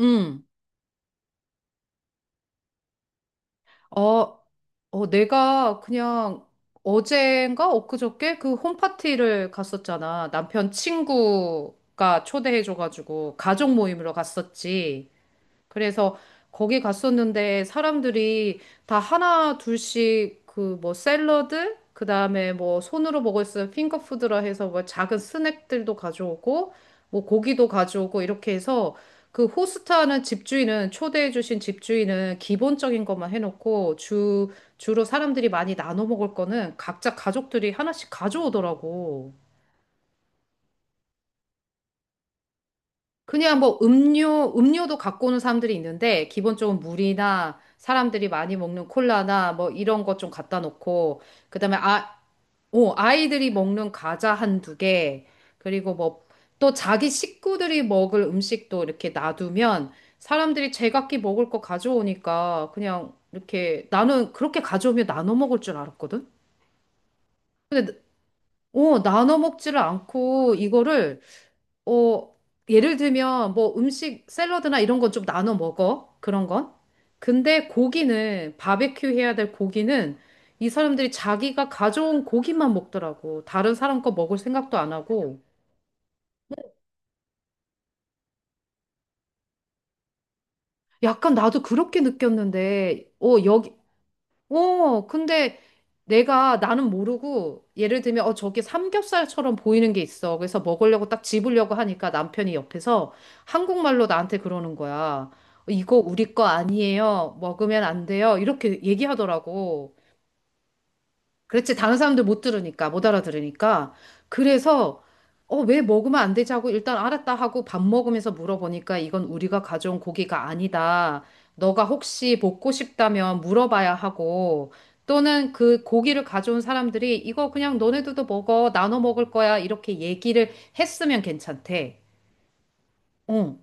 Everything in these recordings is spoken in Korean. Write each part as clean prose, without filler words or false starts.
응. 어, 내가 그냥 어젠가 엊그저께 그 홈파티를 갔었잖아. 남편 친구가 초대해줘가지고 가족 모임으로 갔었지. 그래서 거기 갔었는데 사람들이 다 하나 둘씩 그 뭐 샐러드 그다음에 뭐 손으로 먹을 수 있는 핑거푸드라 해서 뭐 작은 스낵들도 가져오고 뭐 고기도 가져오고 이렇게 해서 그 호스트하는 집주인은 초대해 주신 집주인은 기본적인 것만 해놓고 주 주로 사람들이 많이 나눠 먹을 거는 각자 가족들이 하나씩 가져오더라고. 그냥 뭐 음료도 갖고 오는 사람들이 있는데, 기본적으로 물이나 사람들이 많이 먹는 콜라나 뭐 이런 것 좀 갖다 놓고, 그 다음에 아이들이 먹는 과자 한 두 개, 그리고 뭐 또 자기 식구들이 먹을 음식도 이렇게 놔두면 사람들이 제각기 먹을 거 가져오니까 그냥 이렇게 나는 그렇게 가져오면 나눠 먹을 줄 알았거든? 근데, 나눠 먹지를 않고 이거를 어, 예를 들면 뭐 음식 샐러드나 이런 건 좀 나눠 먹어. 그런 건. 근데 고기는 바베큐 해야 될 고기는 이 사람들이 자기가 가져온 고기만 먹더라고. 다른 사람 거 먹을 생각도 안 하고. 약간 나도 그렇게 느꼈는데, 근데 내가 나는 모르고 예를 들면 어 저게 삼겹살처럼 보이는 게 있어. 그래서 먹으려고 딱 집으려고 하니까 남편이 옆에서 한국말로 나한테 그러는 거야. 이거 우리 거 아니에요. 먹으면 안 돼요. 이렇게 얘기하더라고. 그렇지. 다른 사람들 못 들으니까, 못 알아들으니까. 그래서, 왜 먹으면 안 되지 하고 일단 알았다 하고 밥 먹으면서 물어보니까 이건 우리가 가져온 고기가 아니다. 너가 혹시 먹고 싶다면 물어봐야 하고 또는 그 고기를 가져온 사람들이 이거 그냥 너네들도 먹어. 나눠 먹을 거야. 이렇게 얘기를 했으면 괜찮대. 어.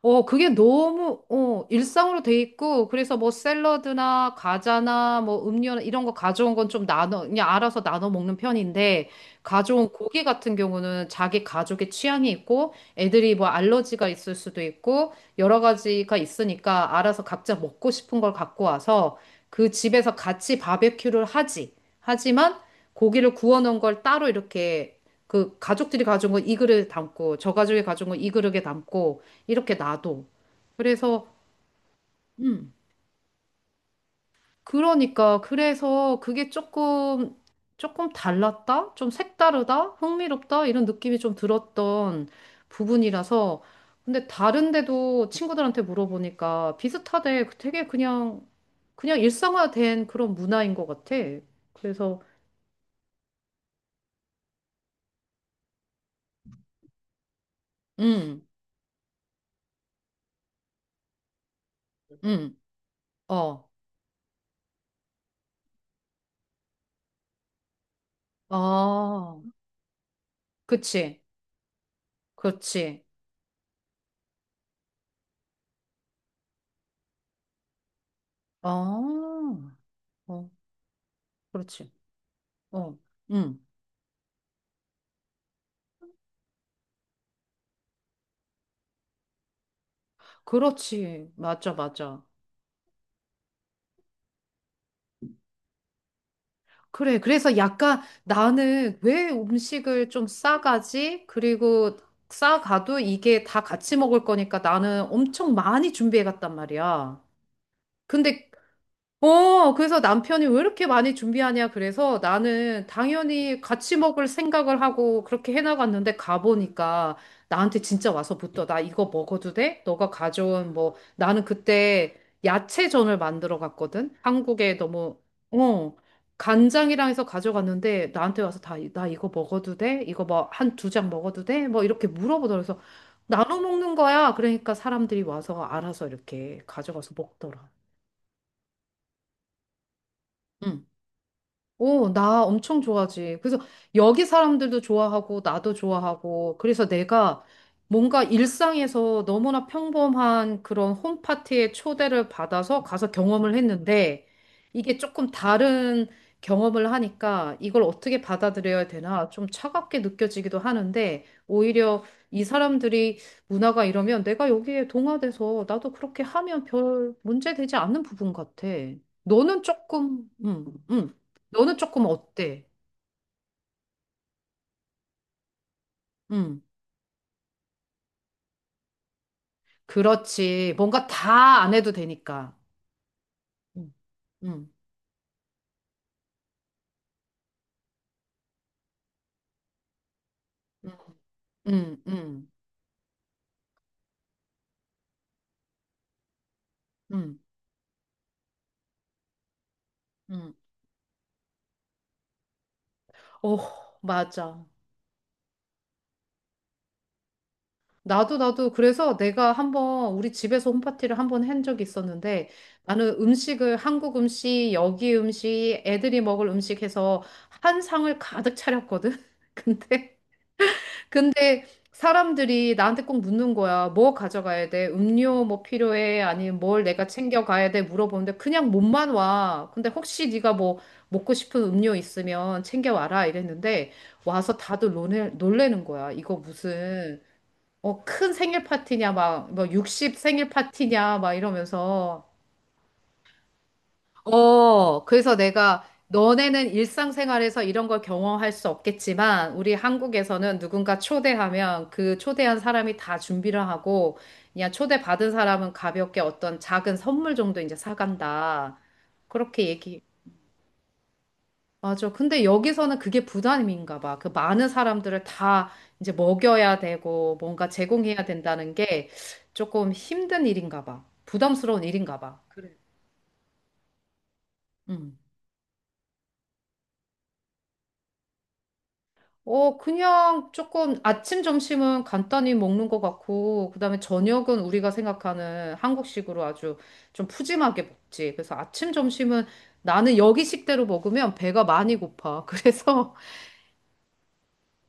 그게 너무, 일상으로 돼 있고, 그래서 뭐 샐러드나 과자나 뭐 음료나 이런 거 가져온 건 좀 나눠, 그냥 알아서 나눠 먹는 편인데, 가져온 고기 같은 경우는 자기 가족의 취향이 있고, 애들이 뭐 알러지가 있을 수도 있고, 여러 가지가 있으니까 알아서 각자 먹고 싶은 걸 갖고 와서 그 집에서 같이 바베큐를 하지. 하지만 고기를 구워 놓은 걸 따로 이렇게 그 가족들이 가져온 건 이 그릇에 담고, 저 가족이 가져온 건 이 그릇에 담고, 이렇게 놔둬. 그래서, 음, 그러니까, 그래서 그게 조금, 조금 달랐다? 좀 색다르다? 흥미롭다? 이런 느낌이 좀 들었던 부분이라서. 근데 다른데도 친구들한테 물어보니까 비슷하대. 되게 그냥 일상화된 그런 문화인 것 같아. 그래서, 음, 음, 어, 아, 그치, 그렇지, 아, 어, 그렇지, 어, 음. 그렇지. 맞아, 맞아. 그래. 그래서 약간 나는 왜 음식을 좀 싸가지? 그리고 싸가도 이게 다 같이 먹을 거니까 나는 엄청 많이 준비해 갔단 말이야. 근데 그래서 남편이 왜 이렇게 많이 준비하냐. 그래서 나는 당연히 같이 먹을 생각을 하고 그렇게 해나갔는데 가보니까 나한테 진짜 와서 붙어. 나 이거 먹어도 돼? 너가 가져온 뭐, 나는 그때 야채전을 만들어 갔거든? 한국에 너무, 어, 간장이랑 해서 가져갔는데 나한테 와서 다, 나 이거 먹어도 돼? 이거 뭐 한 두 장 먹어도 돼? 뭐 이렇게 물어보더라. 그래서 나눠 먹는 거야. 그러니까 사람들이 와서 알아서 이렇게 가져가서 먹더라. 응. 오, 나 엄청 좋아하지. 그래서 여기 사람들도 좋아하고 나도 좋아하고 그래서 내가 뭔가 일상에서 너무나 평범한 그런 홈파티에 초대를 받아서 가서 경험을 했는데 이게 조금 다른 경험을 하니까 이걸 어떻게 받아들여야 되나 좀 차갑게 느껴지기도 하는데 오히려 이 사람들이 문화가 이러면 내가 여기에 동화돼서 나도 그렇게 하면 별 문제 되지 않는 부분 같아. 너는 조금, 음, 음. 너는 조금 어때? 음, 그렇지. 뭔가 다 안 해도 되니까. 음, 음, 음, 음, 음, 음. 어, 맞아. 나도 그래서 내가 한번 우리 집에서 홈파티를 한 번 한 적이 있었는데 나는 음식을 한국 음식, 여기 음식, 애들이 먹을 음식 해서 한 상을 가득 차렸거든. 근데 근데 사람들이 나한테 꼭 묻는 거야. 뭐 가져가야 돼? 음료 뭐 필요해? 아니면 뭘 내가 챙겨가야 돼? 물어보는데 그냥 몸만 와. 근데 혹시 네가 뭐 먹고 싶은 음료 있으면 챙겨와라 이랬는데 와서 다들 놀래, 놀래는 거야. 이거 무슨 큰 생일 파티냐 막 뭐 60 생일 파티냐 막 이러면서 그래서 내가 너네는 일상생활에서 이런 걸 경험할 수 없겠지만 우리 한국에서는 누군가 초대하면 그 초대한 사람이 다 준비를 하고 그냥 초대받은 사람은 가볍게 어떤 작은 선물 정도 이제 사간다. 그렇게 얘기. 맞아. 근데 여기서는 그게 부담인가 봐. 그 많은 사람들을 다 이제 먹여야 되고 뭔가 제공해야 된다는 게 조금 힘든 일인가 봐. 부담스러운 일인가 봐. 음. 그냥 조금 아침, 점심은 간단히 먹는 것 같고, 그다음에 저녁은 우리가 생각하는 한국식으로 아주 좀 푸짐하게 먹지. 그래서 아침, 점심은 나는 여기식대로 먹으면 배가 많이 고파. 그래서,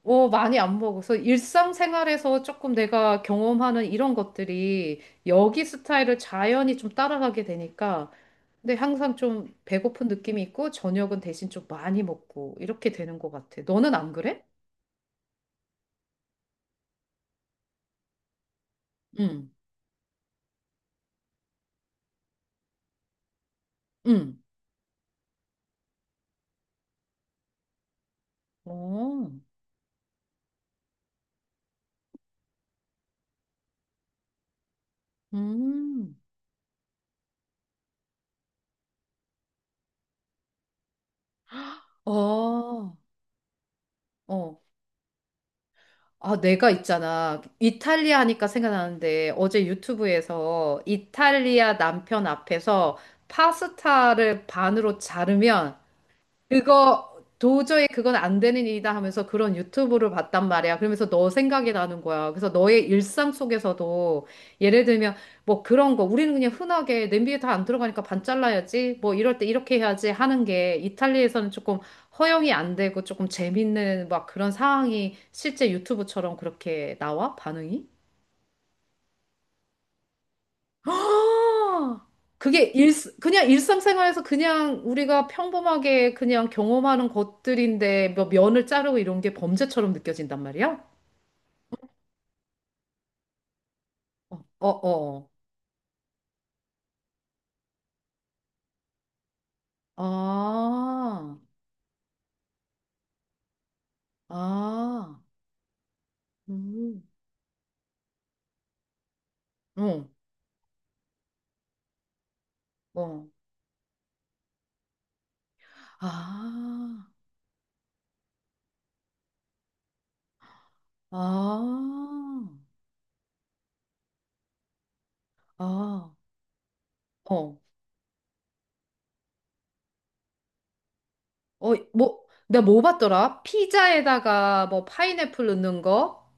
많이 안 먹어서 일상생활에서 조금 내가 경험하는 이런 것들이 여기 스타일을 자연히 좀 따라가게 되니까, 근데 항상 좀 배고픈 느낌이 있고, 저녁은 대신 좀 많이 먹고, 이렇게 되는 것 같아. 너는 안 그래? 응, 응. 어, 음, 어, 어. 아, 내가 있잖아. 이탈리아 하니까 생각나는데, 어제 유튜브에서 이탈리아 남편 앞에서 파스타를 반으로 자르면 그거 도저히 그건 안 되는 일이다 하면서 그런 유튜브를 봤단 말이야. 그러면서 너 생각이 나는 거야. 그래서 너의 일상 속에서도 예를 들면 뭐 그런 거 우리는 그냥 흔하게 냄비에 다 안 들어가니까 반 잘라야지 뭐 이럴 때 이렇게 해야지 하는 게 이탈리아에서는 조금 허용이 안 되고 조금 재밌는 막 그런 상황이 실제 유튜브처럼 그렇게 나와? 반응이? 아, 그게 일, 그냥 일상생활에서 그냥 우리가 평범하게 그냥 경험하는 것들인데 뭐 면을 자르고 이런 게 범죄처럼 느껴진단 말이야? 어, 어, 어. 아, 아, 음, 응, 어, 아, 아, 아, 어, 어, 뭐, 내가 뭐 봤더라? 피자에다가 뭐 파인애플 넣는 거?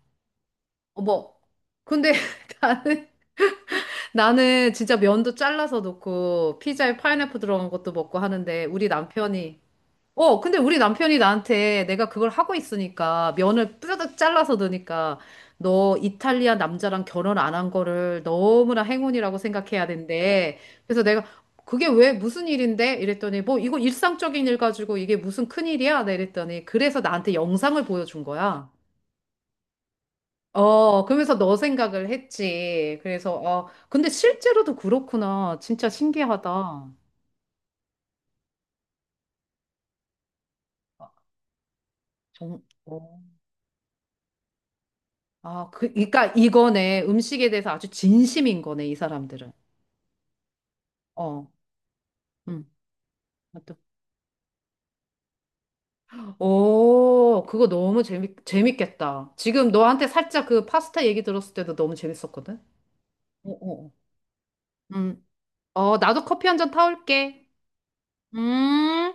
어, 뭐. 근데 나는 진짜 면도 잘라서 넣고 피자에 파인애플 들어간 것도 먹고 하는데 우리 남편이 어 근데 우리 남편이 나한테 내가 그걸 하고 있으니까 면을 뿌려득 잘라서 넣으니까 너 이탈리아 남자랑 결혼 안 한 거를 너무나 행운이라고 생각해야 된대. 그래서 내가 그게 왜 무슨 일인데? 이랬더니 뭐 이거 일상적인 일 가지고 이게 무슨 큰일이야? 나 이랬더니 그래서 나한테 영상을 보여준 거야. 어, 그러면서 너 생각을 했지. 그래서, 근데 실제로도 그렇구나. 진짜 신기하다. 아, 어. 아, 그, 그러니까 이거네. 음식에 대해서 아주 진심인 거네, 이 사람들은. 어, 음. 맞다. 오, 그거 너무 재밌겠다. 지금 너한테 살짝 그 파스타 얘기 들었을 때도 너무 재밌었거든? 어, 어. 어. 음. 어, 나도 커피 한잔 타올게. 음.